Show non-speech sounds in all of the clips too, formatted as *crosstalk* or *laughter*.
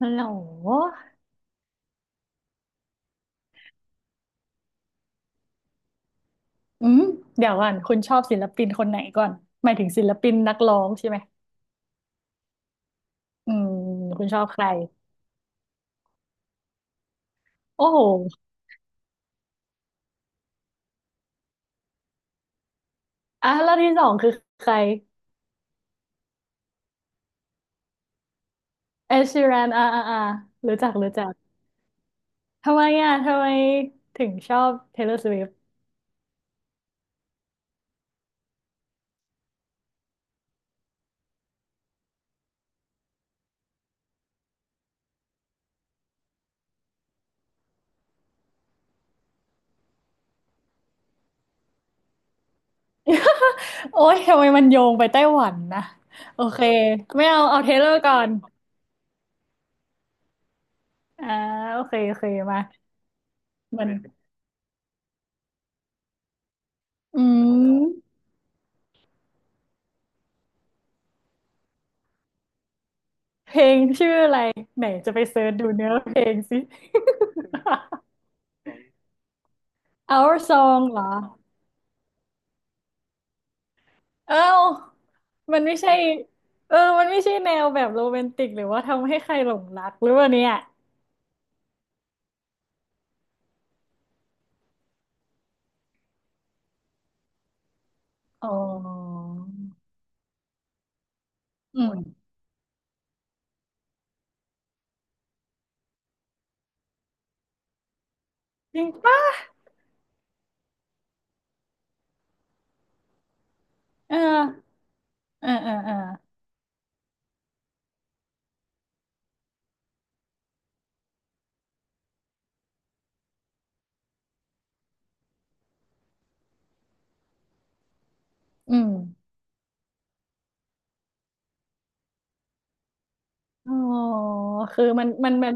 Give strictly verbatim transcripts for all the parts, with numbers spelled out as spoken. ฮัลโหลอืม เดี๋ยวก่อนคุณชอบศิลปินคนไหนก่อนหมายถึงศิลปินนักร้องใช่ไหมอืมคุณชอบใครโอ้โหอ่ะแล้วที่สองคือใครเอชชีแรนอ่าอ่าอ่ารู้จักรู้จักทำไมอ่ะทำไมถึงชอบ Taylor Swift *laughs* โอ้ยทำไมมันโยงไปไต้หวันนะโอเคไม่เอาเอาเทเลก่อนอ่าโอเคโอเคมามันอืมเพลงชื่ออะไรไหนจะไปเซิร์ชดูเนื้อเพลงสิ *laughs* เอาซองเหรอเอ้ามันไม่ใช่เออมันไม่ใช่แนวแบบโรแมนติกหรือว่าทำให้ใครหลงรักหรือว่าเนี่ยอ๋ออืมจริงปะเออเออเออเอออืมอ๋อคือมันมันมัน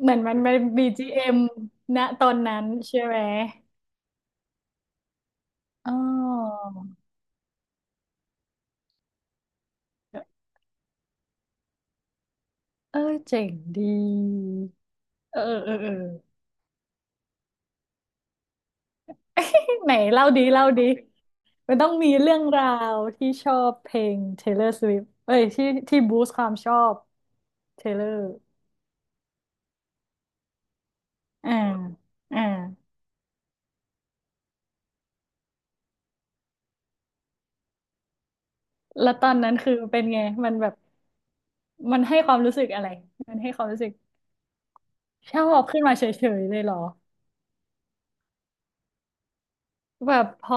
เหมือนมันเป็น บี จี เอ็ม ณตอนนั้นใช่ไหม อ๋อเออเจ๋งดีเออเออเออ ไหนเล่าดีเล่าดีมันต้องมีเรื่องราวที่ชอบเพลง Taylor Swift เอ้ยที่ที่บูสต์ความชอบ Taylor อ่าอ่าแล้วตอนนั้นคือเป็นไงมันแบบมันให้ความรู้สึกอะไรมันให้ความรู้สึกชอบขึ้นมาเฉยๆเลยเหรอแบบพอ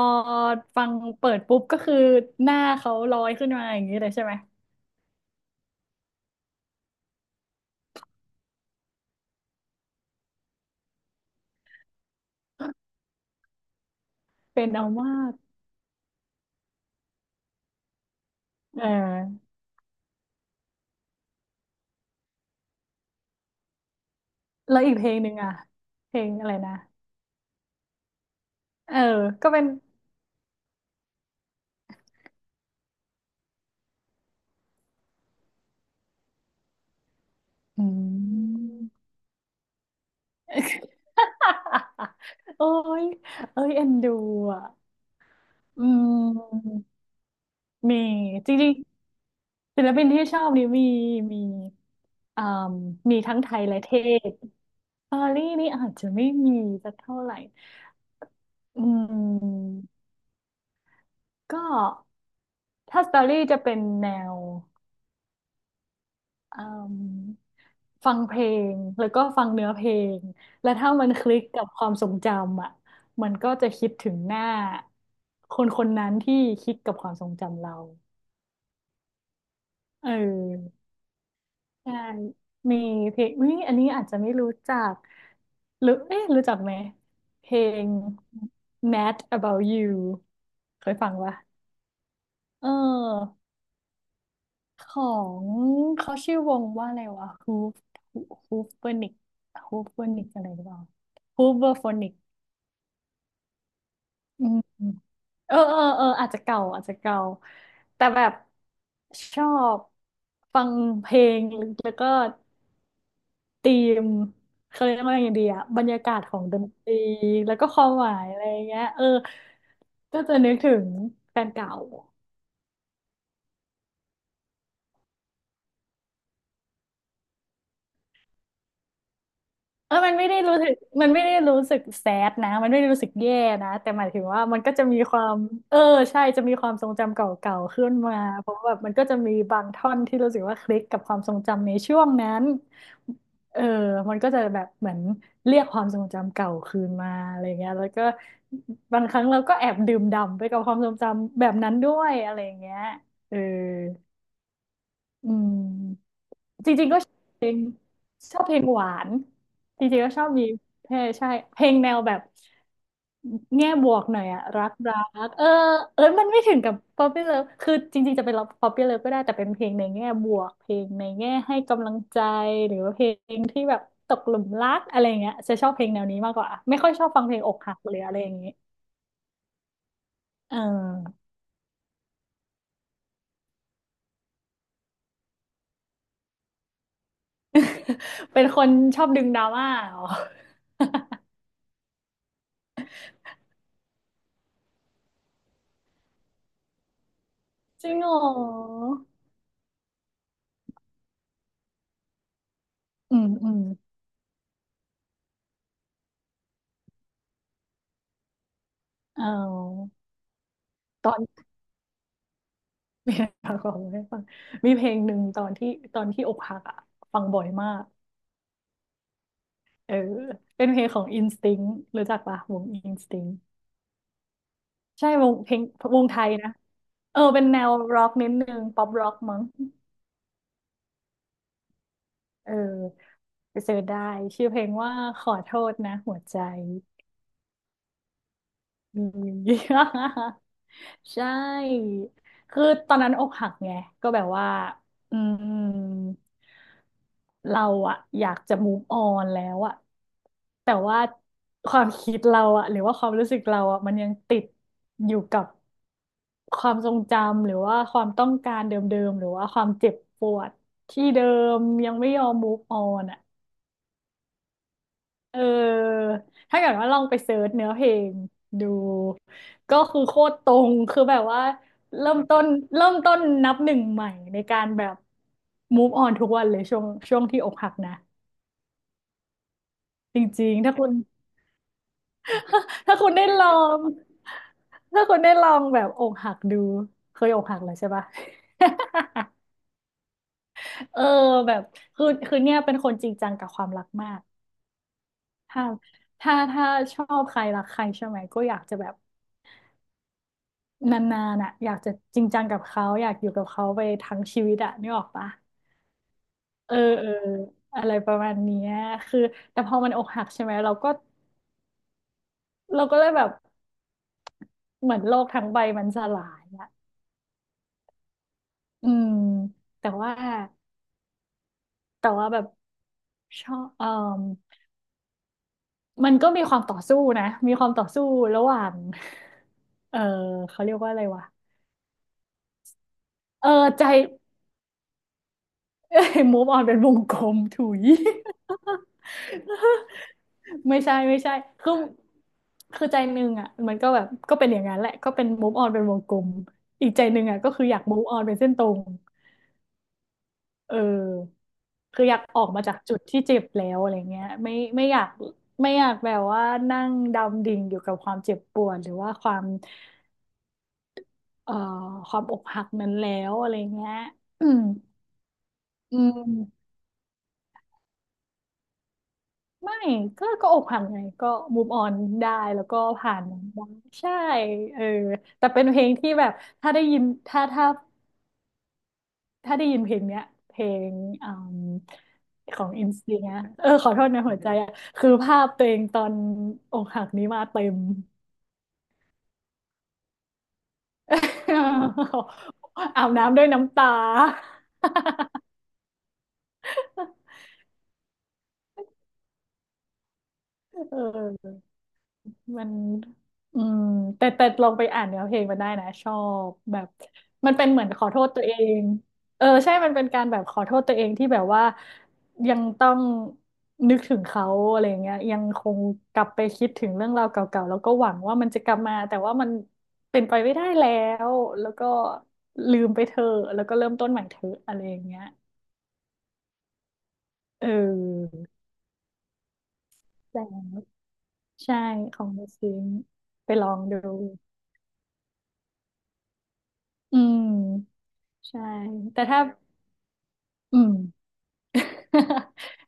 ฟังเปิดปุ๊บก็คือหน้าเขาลอยขึ้นมาอย่างนี้เลยใช่ไหมเป็นเอามากเออแล้วอีกเพลงหนึ่งอ่ะเพลงอะไรนะเออก็เป็นอืม *laughs* โอ้ยเอ้ยเอ็นดูอ่ะอืมมีจริงๆศิลปินที่ชอบนี่มีมีอ่ามีทั้งไทยและเทศปารีนี่อาจจะไม่มีสักเท่าไหร่อืมก็ถ้าสตอรี่จะเป็นแนว อืมฟังเพลงแล้วก็ฟังเนื้อเพลงแล้วถ้ามันคลิกกับความทรงจำอ่ะมันก็จะคิดถึงหน้าคนคนนั้นที่คิดกับความทรงจำเราเออใช่มีเพลงอุ๊ยอันนี้อาจจะไม่รู้จักหรือเอ๊ะรู้จักไหมเพลง Mad About You เคยฟังปะเออ ของเขาชื่อวงว่าอะไรวะฮูฟฮูฟเวอร์นิกฮูฟเวอร์นิกอะไรหรือเปล่าฮูฟเวอร์โฟนิกอืมเออเออเอออาจจะเก่าอาจจะเก่าแต่แบบชอบฟังเพลงแล้วก็ธีมเขาเรียกว่าอย่างดีอะบรรยากาศของดนตรีแล้วก็ความหมายอะไรอย่างเงี้ยเออก็จะนึกถึงแฟนเก่า เออมันไม่ได้รู้สึกมันไม่ได้รู้สึกแซดนะมันไม่ได้รู้สึกแย่นะ แต่หมายถึงว่ามันก็จะมีความเออใช่ จะมีความทรงจำเก่าๆขึ้นมาเพราะว่าแบบมันก็จะมีบางท่อนที่รู้สึกว่าคลิกกับความทรงจำในช่วงนั้นเออมันก็จะแบบเหมือนเรียกความทรงจำเก่าคืนมาอะไรเงี้ยแล้วก็บางครั้งเราก็แอบดื่มด่ำไปกับความทรงจำแบบนั้นด้วยอะไรเงี้ยเอออืม จริงๆก็ชอบเพลงชอบเพลงหวานจริงๆก็ชอบมีเพลงใช่เพลงแนวแบบแง่บวกหน่อยอะรักรักเออเออมันไม่ถึงกับ Poppy Love คือจริงๆจะเป็น Poppy Love ก็ได้แต่เป็นเพลงในแง่บวกเพลงในแง่ให้กำลังใจหรือว่าเพลงที่แบบตกหลุมรักอะไรอย่างเงี้ยจะชอบเพลงแนวนี้มากกว่าไม่ค่อยชอบฟังเพลงอกหักหรืออะไรอย่างงี้เออ *laughs* เป็นคนชอบดึงดราม่าเหรอจริงเหรออืมอืมเอาตอน มีเพลงของให้ฟังมีเพลงหนึ่งตอนที่ตอนที่อกหักอ่ะฟังบ่อยมากเออเป็นเพลงของ Instinct รู้จักปะวง Instinct ใช่วงเพลงวงไทยนะเออเป็นแนวร็อกนิดนึงป๊อปร็อกมั้งเออไปเสิร์ชได้ชื่อเพลงว่าขอโทษนะหัวใจอืม *laughs* ใช่คือตอนนั้นอกหักไงก็แบบว่าอืม เราอะอยากจะ move on แล้วอะแต่ว่าความคิดเราอะหรือว่าความรู้สึกเราอะมันยังติดอยู่กับความทรงจำหรือว่าความต้องการเดิมๆหรือว่าความเจ็บปวดที่เดิมยังไม่ยอม move on อะเออถ้าเกิดว่าลองไปเสิร์ชเนื้อเพลงดูก็คือโคตรตรงคือแบบว่าเริ่มต้นเริ่มต้นนับหนึ่งใหม่ในการแบบ move on ทุกวันเลยช่วงช่วงที่อกหักนะจริงๆถ้าคุณ ถ้าคุณได้ลองถ้าคุณได้ลองแบบอกหักดูเคยอกหักแล้วใช่ปะ *laughs* เออแบบคือคือเนี่ยเป็นคนจริงจังกับความรักมากถ้าถ้าถ้าชอบใครรักใครใช่ไหมก็อยากจะแบบนานๆอ่ะอยากจะจริงจังกับเขาอยากอยู่กับเขาไปทั้งชีวิตอ่ะนึกออกปะเออเอออะไรประมาณเนี้ยคือแต่พอมันอกหักใช่ไหมเราก็เราก็เลยแบบเหมือนโลกทั้งใบมันสลายอ่ะอืมแต่ว่าแต่ว่าแบบ ชอบเอ่อมมันก็มีความต่อสู้นะมีความต่อสู้ระหว่าง *laughs* เออเขาเรียกว่าอะไรวะเออใจเอ้ย *laughs* move on เป็นวงกลมถุย *laughs* ไม่ใช่ไม่ใช่คือคือใจหนึ่งอ่ะมันก็แบบก็เป็นอย่างนั้นแหละก็เป็น move on เป็นวงกลมอีกใจหนึ่งอ่ะก็คืออยาก move on เป็นเส้นตรง เออคืออยากออกมาจากจุดที่เจ็บแล้วอะไรเงี้ยไม่ไม่อยากไม่อยากแบบว่านั่งดำดิ่งอยู่กับความเจ็บปวดหรือว่าความเอ่อความอกหักนั้นแล้วอะไรเงี้ยอืมอืมไม่ก็ก็อกหักไงก็ move on ได้แล้วก็ผ่านมันได้ใช่เออแต่เป็นเพลงที่แบบถ้าได้ยินถ้าถ้า ถ้าได้ยินเพลงเนี้ยเพลงอมของอินสตินะเออขอโทษนะหัวใจอะคือภาพตัวเองตอนอกหักนี้มาเต็ม *laughs* อาบน้ำด้วยน้ำตาเออ มันอืมแต่แต่ลองไปอ่านเนื้อเพลงมันได้นะชอบแบบมันเป็นเหมือนขอโทษตัวเองเออใช่มันเป็นการแบบขอโทษตัวเองที่แบบว่ายังต้องนึกถึงเขาอะไรอย่างเงี้ยยังคงกลับไปคิดถึงเรื่องราวเก่าๆแล้วก็หวังว่ามันจะกลับมาแต่ว่ามันเป็นไปไม่ได้แล้วแล้วก็ลืมไปเถอะแล้วก็เริ่มต้นใหม่เถอะอะไรอย่างเงี้ยเออแต่ใช่ของเดอะซิงค์ไปลองดูอืม ใช่แต่ถ้าอืม *laughs*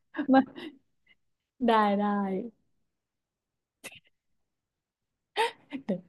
ได้ได้เดี๋ยว